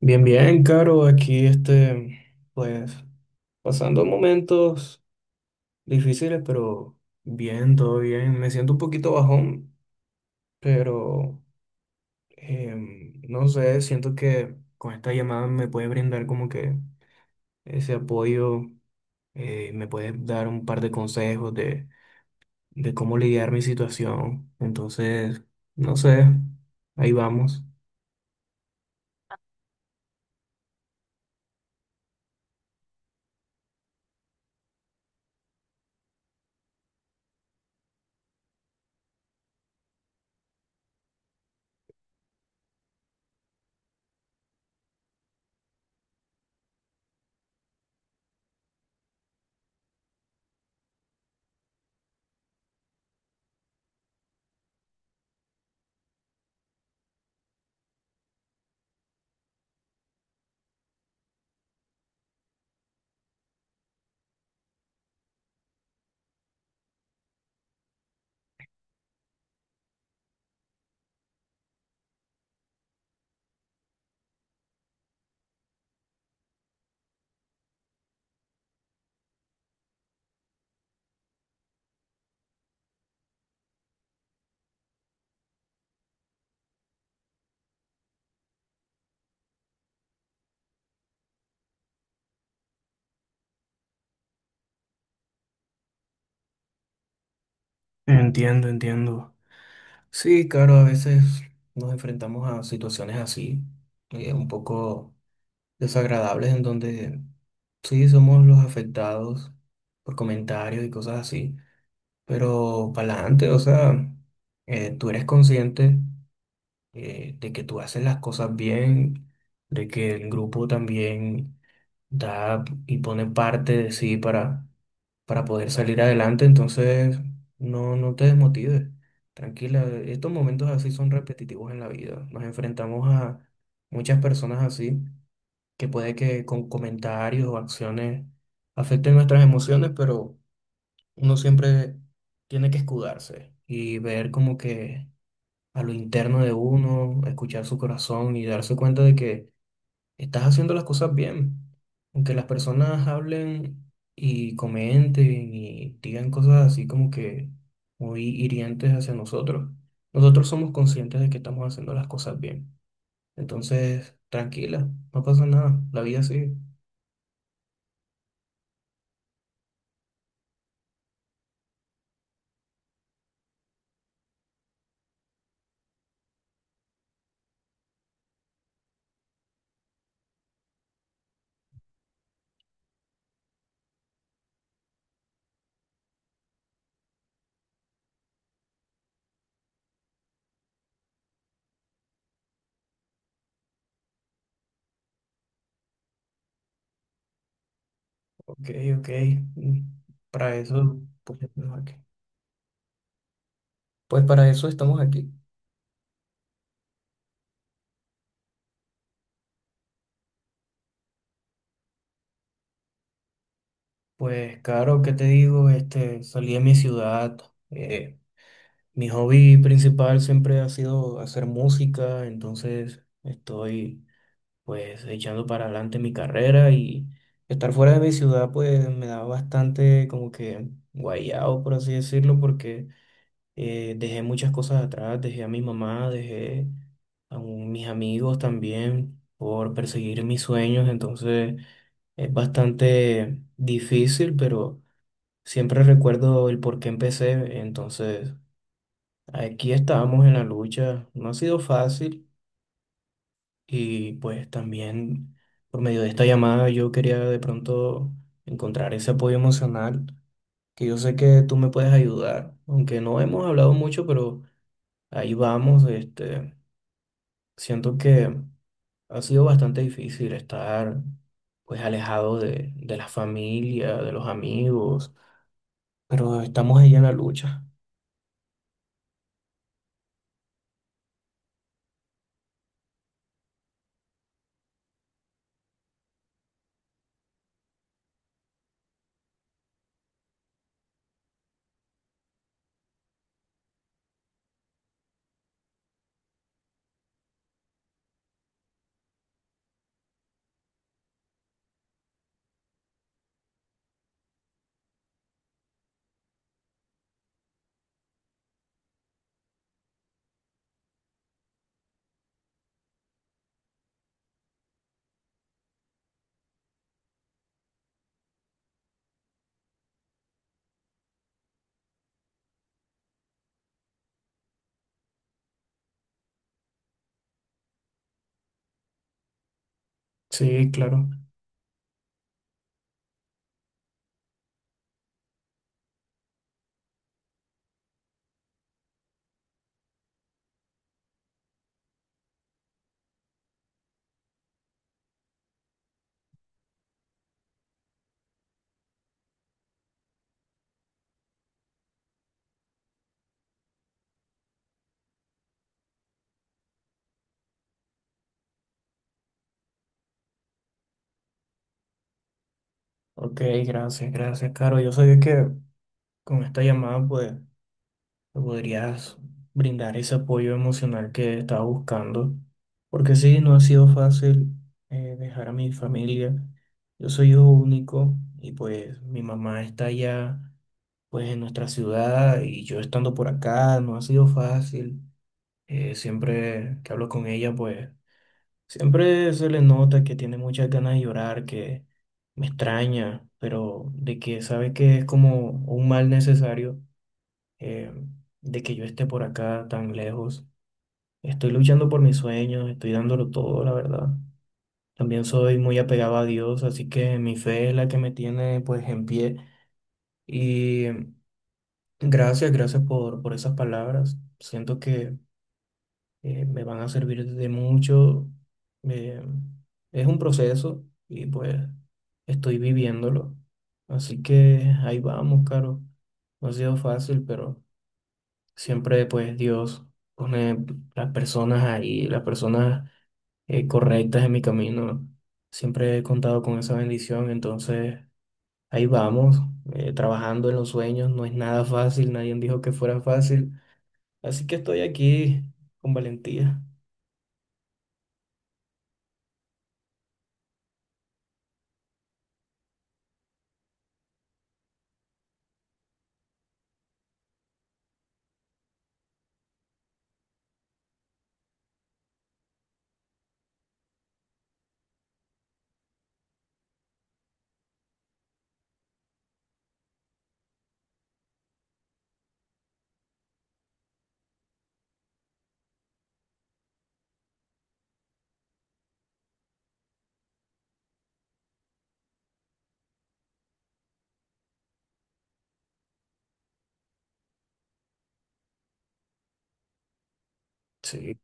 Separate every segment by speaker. Speaker 1: Bien, bien, Caro, aquí pues pasando momentos difíciles, pero bien, todo bien. Me siento un poquito bajón, pero no sé, siento que con esta llamada me puede brindar como que ese apoyo, me puede dar un par de consejos de cómo lidiar mi situación. Entonces, no sé, ahí vamos. Entiendo, entiendo. Sí, claro, a veces nos enfrentamos a situaciones así, un poco desagradables, en donde sí somos los afectados por comentarios y cosas así, pero para adelante, o sea, tú eres consciente de que tú haces las cosas bien, de que el grupo también da y pone parte de sí para poder salir adelante, entonces no, no te desmotives. Tranquila, estos momentos así son repetitivos en la vida. Nos enfrentamos a muchas personas así, que puede que con comentarios o acciones afecten nuestras emociones, pero uno siempre tiene que escudarse y ver como que a lo interno de uno, escuchar su corazón y darse cuenta de que estás haciendo las cosas bien. Aunque las personas hablen y comenten y digan cosas así como que muy hirientes hacia nosotros, nosotros somos conscientes de que estamos haciendo las cosas bien. Entonces, tranquila, no pasa nada, la vida sigue. Ok, ok, mm, para eso, pues, estamos aquí. Pues para eso estamos aquí. Pues claro, ¿qué te digo? Este, salí de mi ciudad, eh, mi hobby principal siempre ha sido hacer música, entonces estoy pues echando para adelante mi carrera y estar fuera de mi ciudad pues me da bastante como que guayado, por así decirlo, porque dejé muchas cosas atrás, dejé a mi mamá, dejé mis amigos también por perseguir mis sueños, entonces es bastante difícil, pero siempre recuerdo el por qué empecé, entonces... Aquí estamos en la lucha, no ha sido fácil y pues también por medio de esta llamada yo quería de pronto encontrar ese apoyo emocional que yo sé que tú me puedes ayudar, aunque no hemos hablado mucho, pero ahí vamos, este, siento que ha sido bastante difícil estar pues alejado de la familia, de los amigos, pero estamos ahí en la lucha. Sí, claro. Ok, gracias, gracias, Caro. Yo sabía que con esta llamada pues me podrías brindar ese apoyo emocional que estaba buscando, porque sí, no ha sido fácil dejar a mi familia. Yo soy hijo único y pues mi mamá está allá, pues en nuestra ciudad y yo estando por acá, no ha sido fácil. Siempre que hablo con ella, pues siempre se le nota que tiene muchas ganas de llorar, que me extraña, pero de que sabe que es como un mal necesario eh, de que yo esté por acá tan lejos. Estoy luchando por mis sueños, estoy dándolo todo, la verdad. También soy muy apegado a Dios, así que mi fe es la que me tiene pues en pie. Y gracias, gracias por esas palabras. Siento que me van a servir de mucho. Eh, es un proceso y pues estoy viviéndolo. Así que ahí vamos, Caro. No ha sido fácil, pero... Siempre pues Dios pone las personas ahí, las personas correctas en mi camino. Siempre he contado con esa bendición, entonces ahí vamos, trabajando en los sueños. No es nada fácil, nadie dijo que fuera fácil. Así que estoy aquí con valentía. Sí,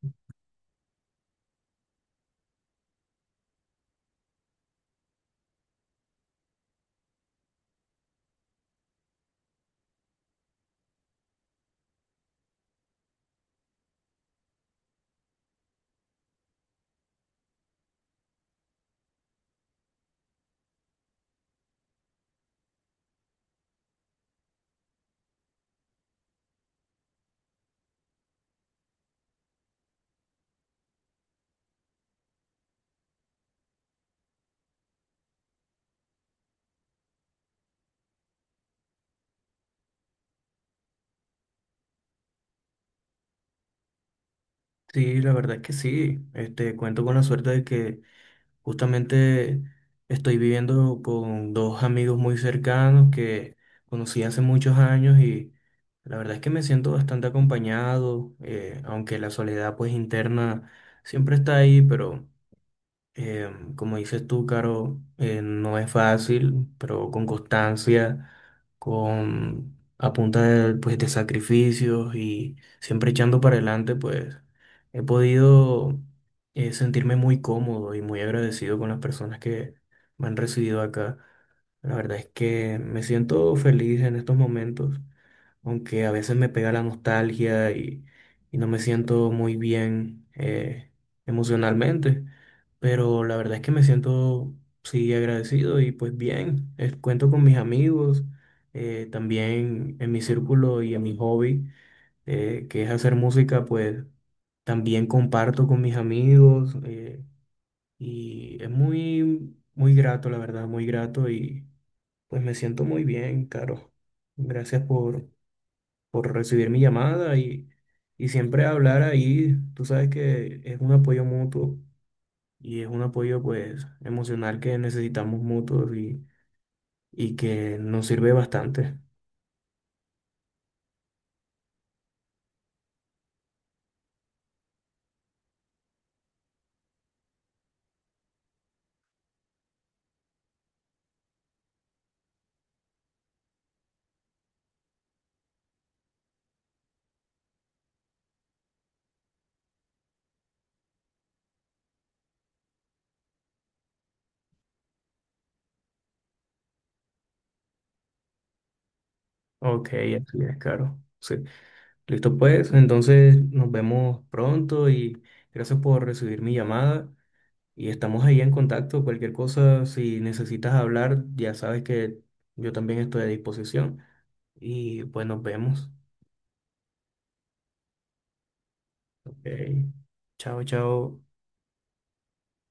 Speaker 1: sí, la verdad es que sí. Este, cuento con la suerte de que justamente estoy viviendo con dos amigos muy cercanos que conocí hace muchos años y la verdad es que me siento bastante acompañado, aunque la soledad pues interna siempre está ahí, pero como dices tú, Caro, no es fácil, pero con constancia, con a punta de, pues, de sacrificios y siempre echando para adelante, pues he podido sentirme muy cómodo y muy agradecido con las personas que me han recibido acá. La verdad es que me siento feliz en estos momentos aunque a veces me pega la nostalgia y no me siento muy bien emocionalmente, pero la verdad es que me siento sí agradecido y pues bien, cuento con mis amigos, también en mi círculo y en mi hobby, que es hacer música, pues también comparto con mis amigos y es muy, muy grato, la verdad, muy grato y pues me siento muy bien, Caro. Gracias por recibir mi llamada y siempre hablar ahí. Tú sabes que es un apoyo mutuo y es un apoyo pues emocional que necesitamos mutuos y que nos sirve bastante. Ok, así es, claro. Sí. Listo pues, entonces nos vemos pronto y gracias por recibir mi llamada y estamos ahí en contacto. Cualquier cosa, si necesitas hablar, ya sabes que yo también estoy a disposición y pues nos vemos. Ok, chao, chao.